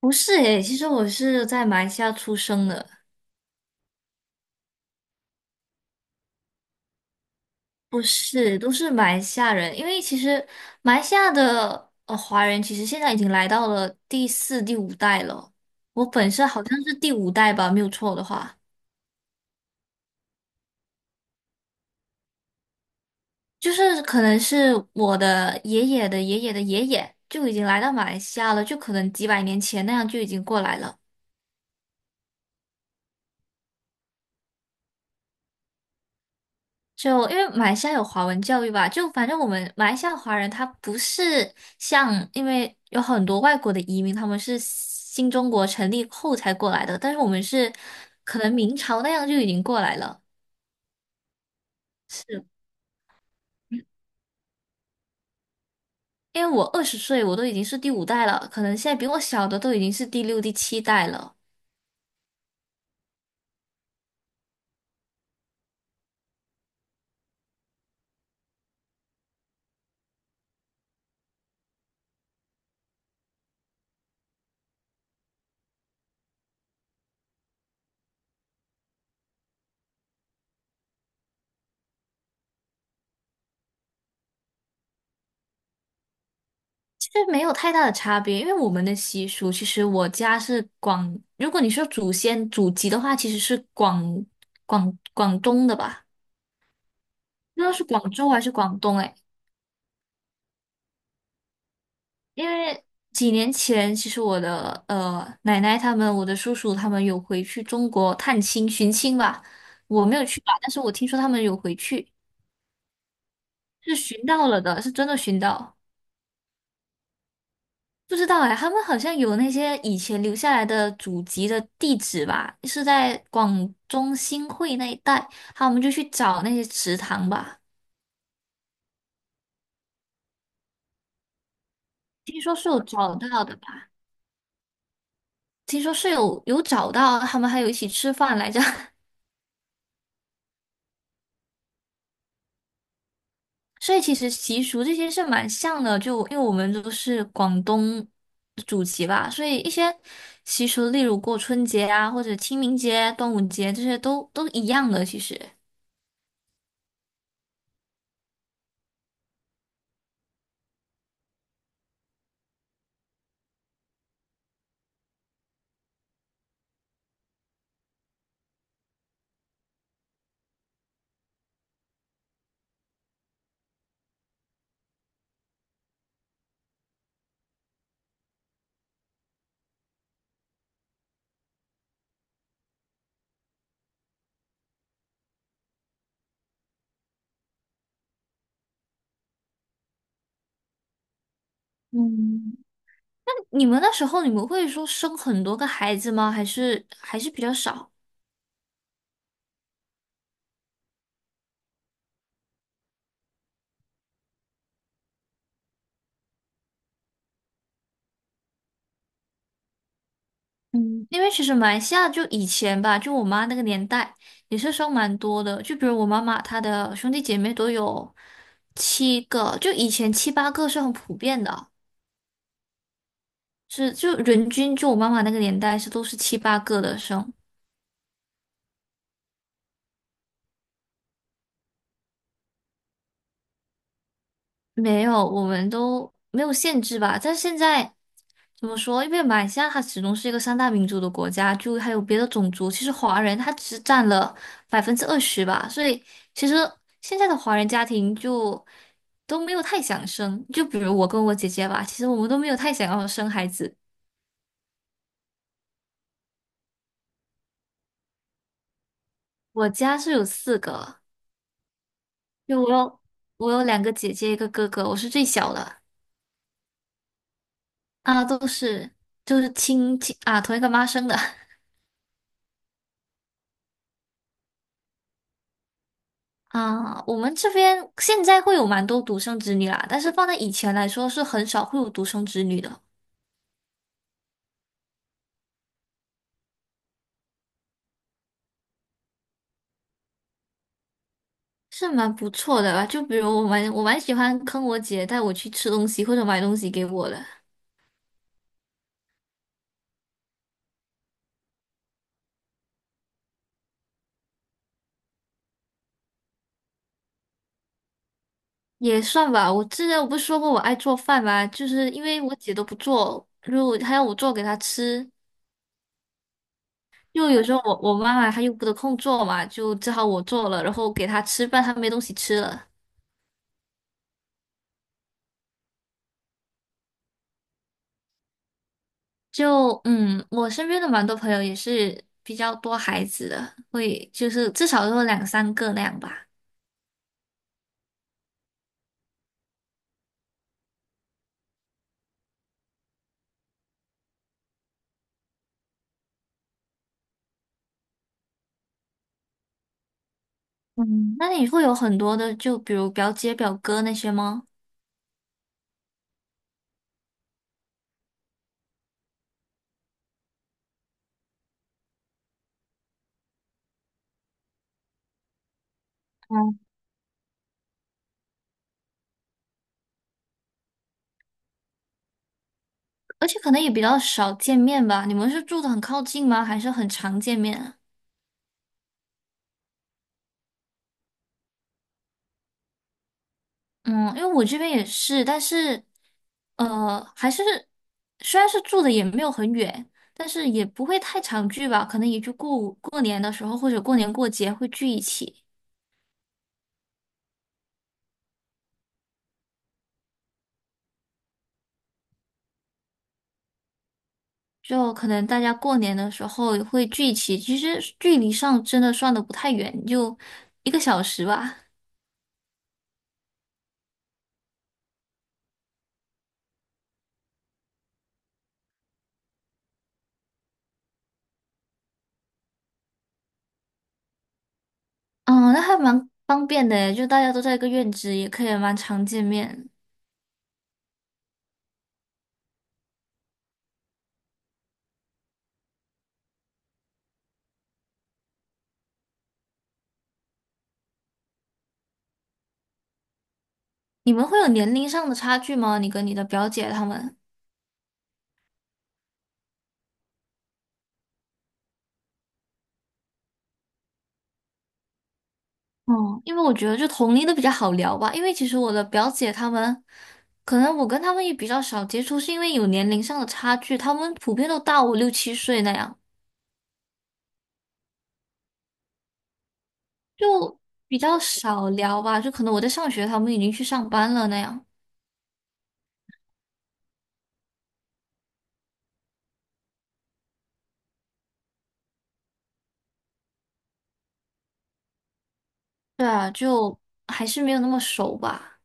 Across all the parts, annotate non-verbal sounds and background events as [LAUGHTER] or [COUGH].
不是诶，其实我是在马来西亚出生的，不是，都是马来西亚人。因为其实马来西亚的华人，其实现在已经来到了第四、第五代了。我本身好像是第五代吧，没有错的话，就是可能是我的爷爷的爷爷的爷爷就已经来到马来西亚了，就可能几百年前那样就已经过来了。就因为马来西亚有华文教育吧，就反正我们马来西亚华人他不是像，因为有很多外国的移民，他们是新中国成立后才过来的，但是我们是可能明朝那样就已经过来了，是因为我20岁我都已经是第五代了，可能现在比我小的都已经是第六、第七代了。其实没有太大的差别，因为我们的习俗，其实我家是广，如果你说祖先祖籍的话，其实是广东的吧。那是广州还是广东？哎，因为几年前，其实我的奶奶他们、我的叔叔他们有回去中国探亲寻亲吧，我没有去吧，但是我听说他们有回去，是寻到了的，是真的寻到。不知道哎，他们好像有那些以前留下来的祖籍的地址吧，是在广中新会那一带，好，我们就去找那些祠堂吧，听说是有找到的吧，听说是有找到，他们还有一起吃饭来着。[LAUGHS] 所以其实习俗这些是蛮像的，就因为我们都是广东祖籍吧，所以一些习俗，例如过春节啊，或者清明节、端午节这些都一样的。其实嗯。你们那时候你们会说生很多个孩子吗？还是比较少？嗯因为其实马来西亚就以前吧，就我妈那个年代也是生蛮多的，就比如我妈妈她的兄弟姐妹都有七个，就以前七八个是很普遍的。是就人均就我妈妈那个年代是都是七八个的生，没有，我们都没有限制吧。但是现在怎么说？因为马来西亚它始终是一个三大民族的国家，就还有别的种族，其实华人他只占了20%吧，所以其实现在的华人家庭就都没有太想生。就比如我跟我姐姐吧，其实我们都没有太想要生孩子。我家是有四个，就我有两个姐姐，一个哥哥，我是最小的。啊，都是就是亲戚啊，同一个妈生的 [LAUGHS] 啊。我们这边现在会有蛮多独生子女啦，但是放在以前来说，是很少会有独生子女的，是蛮不错的吧？就比如我蛮喜欢坑我姐带我去吃东西或者买东西给我的，也算吧。我之前我不是说过我爱做饭吗？就是因为我姐都不做，如果她要我做给她吃。就有时候我妈妈她又不得空做嘛，就只好我做了，然后给她吃，饭，她没东西吃了。就我身边的蛮多朋友也是比较多孩子的，会就是至少都有两三个那样吧。嗯，那你会有很多的，就比如表姐、表哥那些吗？嗯，而且可能也比较少见面吧。你们是住的很靠近吗？还是很常见面啊嗯，因为我这边也是，但是还是虽然是住的也没有很远，但是也不会太常聚吧。可能也就过过年的时候或者过年过节会聚一起。就可能大家过年的时候也会聚齐，其实距离上真的算的不太远，就1个小时吧。嗯，那还蛮方便的，就大家都在一个院子，也可以蛮常见面。你们会有年龄上的差距吗？你跟你的表姐她们？嗯，因为我觉得就同龄的比较好聊吧，因为其实我的表姐她们，可能我跟她们也比较少接触，是因为有年龄上的差距，她们普遍都大我六七岁那样。就比较少聊吧，就可能我在上学，他们已经去上班了那样。对啊，就还是没有那么熟吧，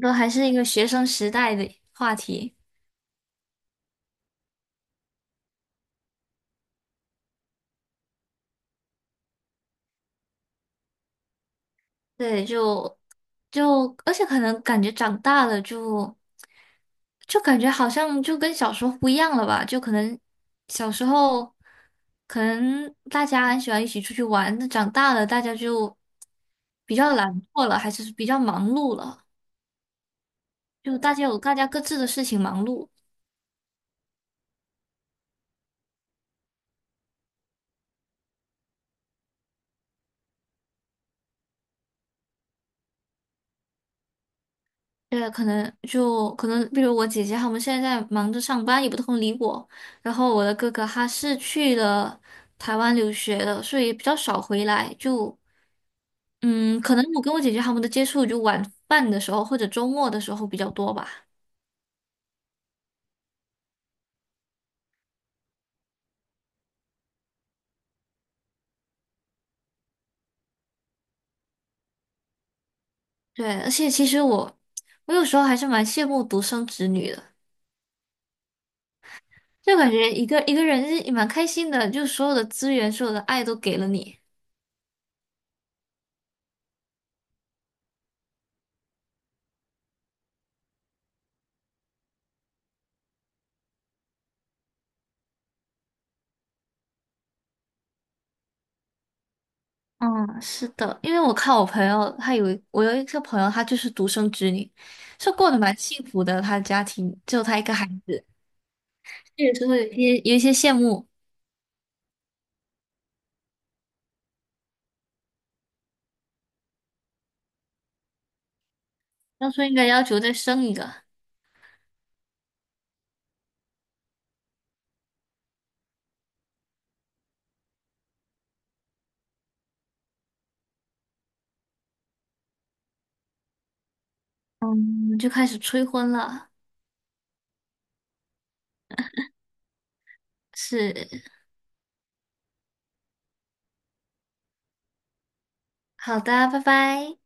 都还是一个学生时代的话题。对，就而且可能感觉长大了就感觉好像就跟小时候不一样了吧，就可能小时候可能大家很喜欢一起出去玩，那长大了大家就比较懒惰了，还是比较忙碌了，就大家有大家各自的事情忙碌。对，可能就可能，比如我姐姐他们现在在忙着上班，也不空理我。然后我的哥哥他是去了台湾留学的，所以比较少回来。就嗯，可能我跟我姐姐他们的接触就晚饭的时候或者周末的时候比较多吧。对，而且其实我有时候还是蛮羡慕独生子女的，就感觉一个人是蛮开心的，就所有的资源、所有的爱都给了你。嗯，是的，因为我看我朋友，他有一我有一个朋友，她就是独生子女，是过得蛮幸福的，她的家庭只有她一个孩子，这也是会有一些羡慕，当初应该要求再生一个，嗯，就开始催婚了，是，好的，拜拜。